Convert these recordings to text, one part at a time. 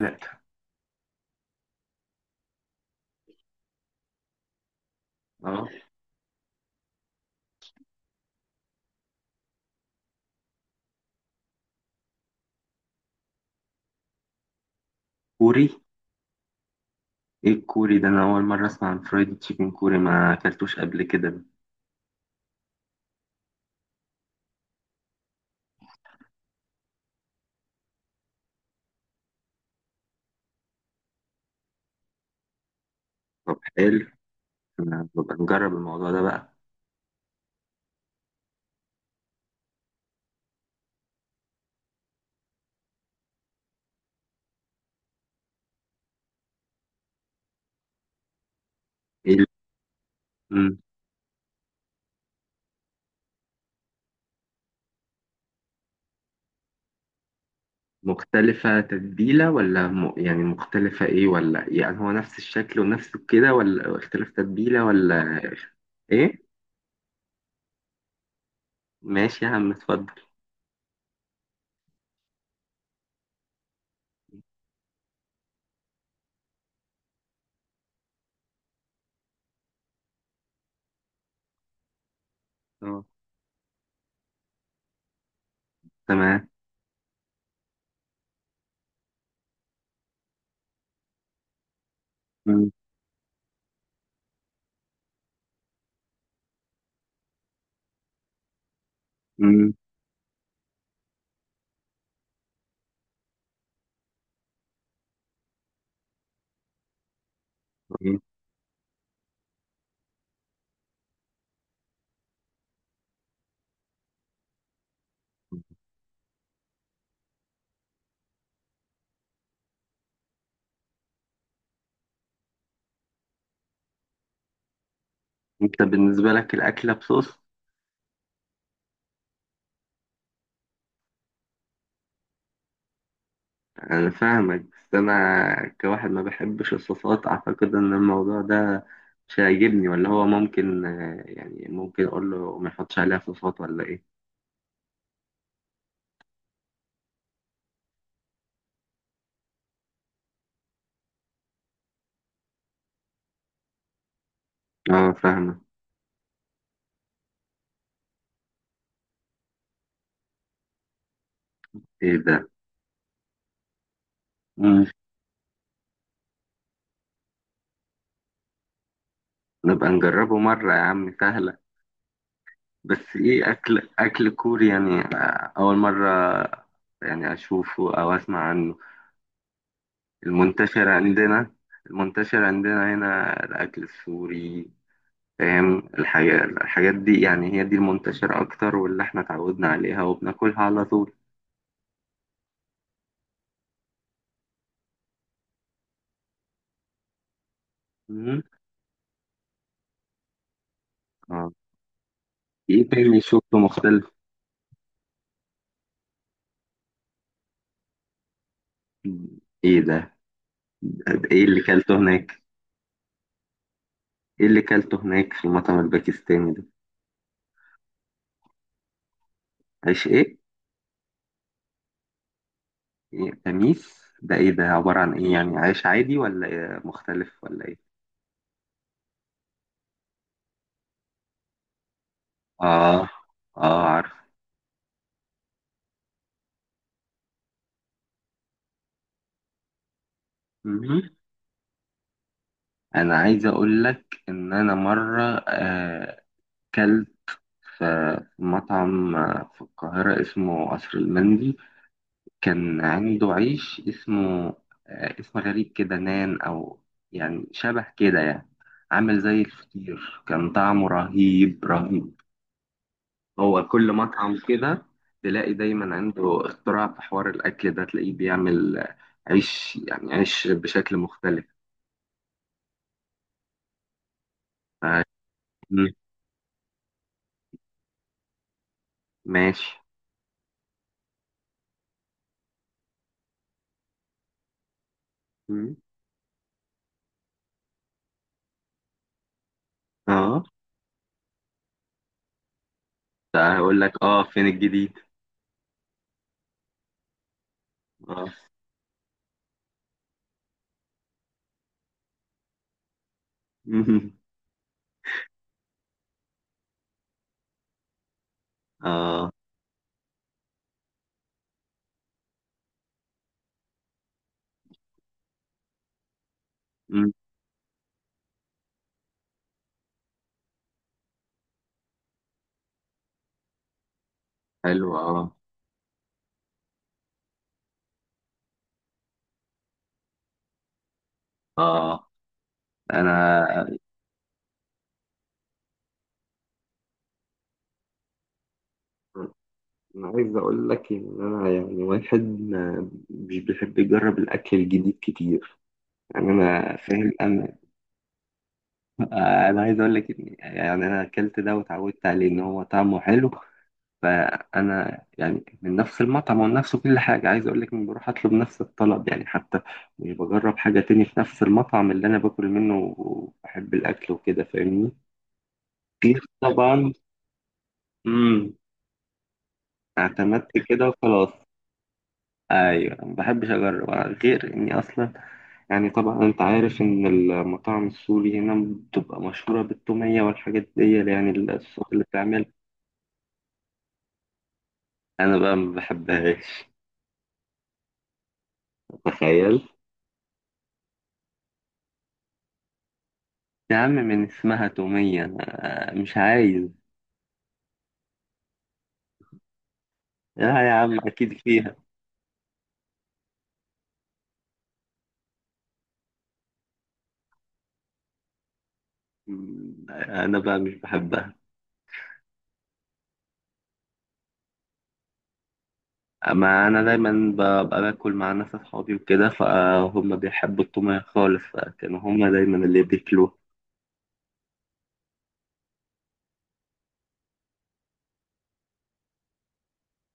لا، اه، كوري. ايه الكوري ده، انا اول مره اسمع عن فرايد تشيكن كوري، ما اكلتوش قبل كده. طب حلو. انا ببقى نجرب الموضوع ده بقى. ايه ال- مم. مختلفه تتبيله ولا يعني مختلفه ايه ولا إيه؟ يعني هو نفس الشكل ونفس كده، ولا اختلاف تتبيله ولا؟ ايه. ماشي يا عم، اتفضل. اه. تمام. مم. مم. مم. انت بالنسبه لك الاكله بصوص؟ أنا فاهمك، بس أنا كواحد ما بحبش الصوصات، أعتقد إن الموضوع ده مش هيعجبني، ولا هو ممكن، يعني ممكن أقول له ما يحطش عليها صوصات ولا إيه؟ آه، فاهمة. إيه ده؟ مم. نبقى نجربه مرة يا عم، سهلة. بس إيه، أكل كوري يعني، أول مرة. يعني أشوفه أو أسمع عنه. المنتشر عندنا المنتشر عندنا هنا الأكل السوري، فاهم الحاجات دي، يعني هي دي المنتشرة أكتر، واللي إحنا اتعودنا عليها وبناكلها على طول. مم. آه. إيه تاني شفته مختلف؟ إيه ده؟ طب إيه اللي كلته هناك؟ إيه اللي كلته هناك في المطعم الباكستاني ده؟ عيش إيه؟ إيه؟ تميس؟ ده إيه ده؟ عبارة عن إيه يعني؟ عيش عادي ولا إيه؟ مختلف ولا إيه؟ آه. آه، عارف. مم. أنا عايز أقول لك إن أنا مرة، آه، كلت في مطعم في القاهرة اسمه قصر المندي، كان عنده عيش اسمه، اسم غريب كده، نان أو يعني شبه كده يعني، عامل زي الفطير، كان طعمه رهيب رهيب. هو كل مطعم كده، تلاقي دايما عنده اختراع في حوار الأكل ده، تلاقيه بيعمل عيش، يعني عيش بشكل مختلف. ف- مم. ماشي. مم. اه، هقول لك. اه، فين الجديد. اه. اه. حلو، اه. اه. انا انا عايز اقول لك ان انا يعني واحد ما مش بيحب يجرب الاكل الجديد كتير. يعني انا فاهم. انا عايز اقول لك ان يعني انا اكلت ده واتعودت عليه، ان هو طعمه حلو. فانا يعني من نفس المطعم ونفس كل حاجه، عايز اقول لك اني بروح اطلب نفس الطلب، يعني حتى مش بجرب حاجه تاني في نفس المطعم اللي انا باكل منه وبحب الاكل وكده، فاهمني. كتير طبعا. امم. اعتمدت كده وخلاص. ايوه، ما بحبش اجرب، غير اني اصلا يعني، طبعا انت عارف ان المطاعم السوري هنا بتبقى مشهوره بالتوميه والحاجات دي، يعني الصوص اللي بتعمل. انا بقى ما بحبهاش. تخيل. يا عم، من اسمها توميه أنا مش عايز. لا يا عم، اكيد فيها. انا بقى مش بحبها. اما انا دايما ببقى باكل مع ناس اصحابي وكده، فهم بيحبوا التوميه خالص، فكانوا هم دايما اللي بياكلوها.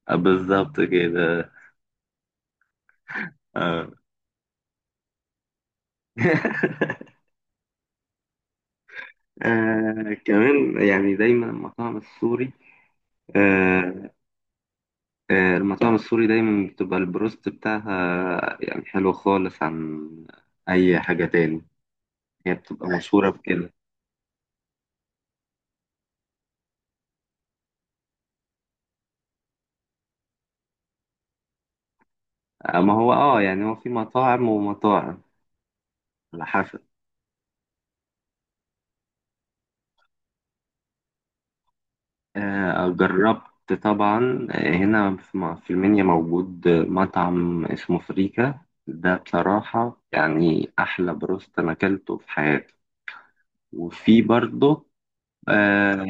بالظبط كده. آه. آه، كمان يعني دايما آه المطاعم السوري دايما بتبقى البروست بتاعها يعني حلو خالص، عن أي حاجة تاني. هي بتبقى مشهورة بكده. آه، ما هو اه يعني، هو في مطاعم ومطاعم، على حسب. آه، جربت طبعا، هنا في المنيا موجود مطعم اسمه فريكا. ده بصراحة يعني أحلى بروست أنا أكلته في حياتي. وفي برضه، آه،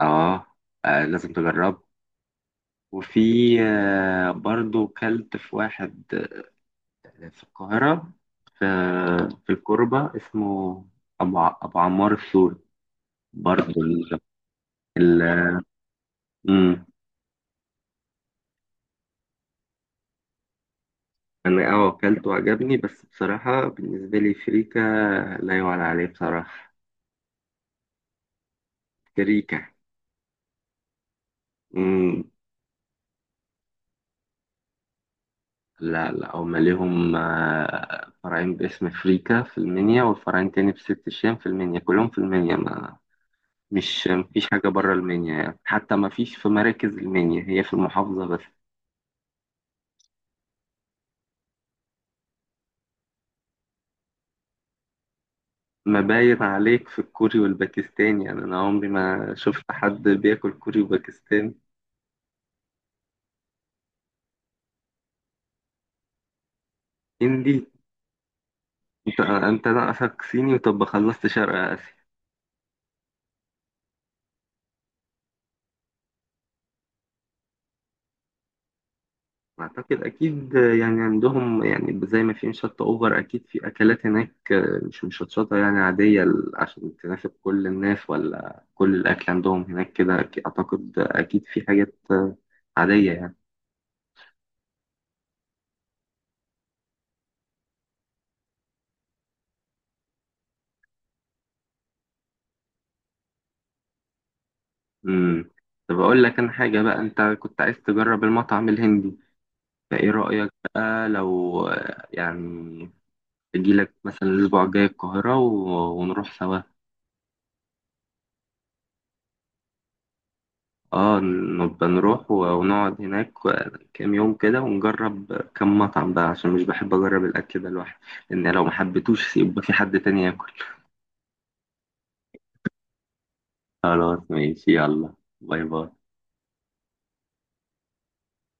اه، لازم تجربه. وفي برضو كلت في واحد، في القاهرة، في في الكوربة، اسمه أبو عمار السوري، برضو. ال... مم. أنا أكلته وعجبني، بس بصراحة بالنسبة لي فريكة لا يعلى عليه، بصراحة. فريكة. مم. لا لا، هما ليهم، فرعين باسم فريكة في المنيا، وفرعين تاني بست الشام في المنيا، كلهم في المنيا، ما مش مفيش حاجة بره المنيا، يعني حتى مفيش في مراكز المنيا، هي في المحافظة بس. ما باين عليك في الكوري والباكستاني يعني، أنا عمري ما شفت حد بياكل كوري وباكستاني. هندي. أنت ناقصك صيني، طب خلصت شرق آسيا. أعتقد أكيد يعني عندهم، يعني زي ما في مشطة أوفر، أكيد في أكلات هناك مش مشطشطة، يعني عادية، عشان تناسب كل الناس، ولا كل الأكل عندهم هناك كده؟ أعتقد أكيد في حاجات عادية يعني. امم. طب اقول لك انا حاجه بقى، انت كنت عايز تجرب المطعم الهندي، فايه رايك بقى لو، يعني اجي لك مثلا الاسبوع الجاي القاهره ونروح سوا. اه، نبقى نروح ونقعد هناك كام يوم كده، ونجرب كام مطعم بقى، عشان مش بحب اجرب الاكل ده لوحدي، لان لو ما حبيتوش يبقى في حد تاني ياكل. خلاص ماشي، يلا. باي باي.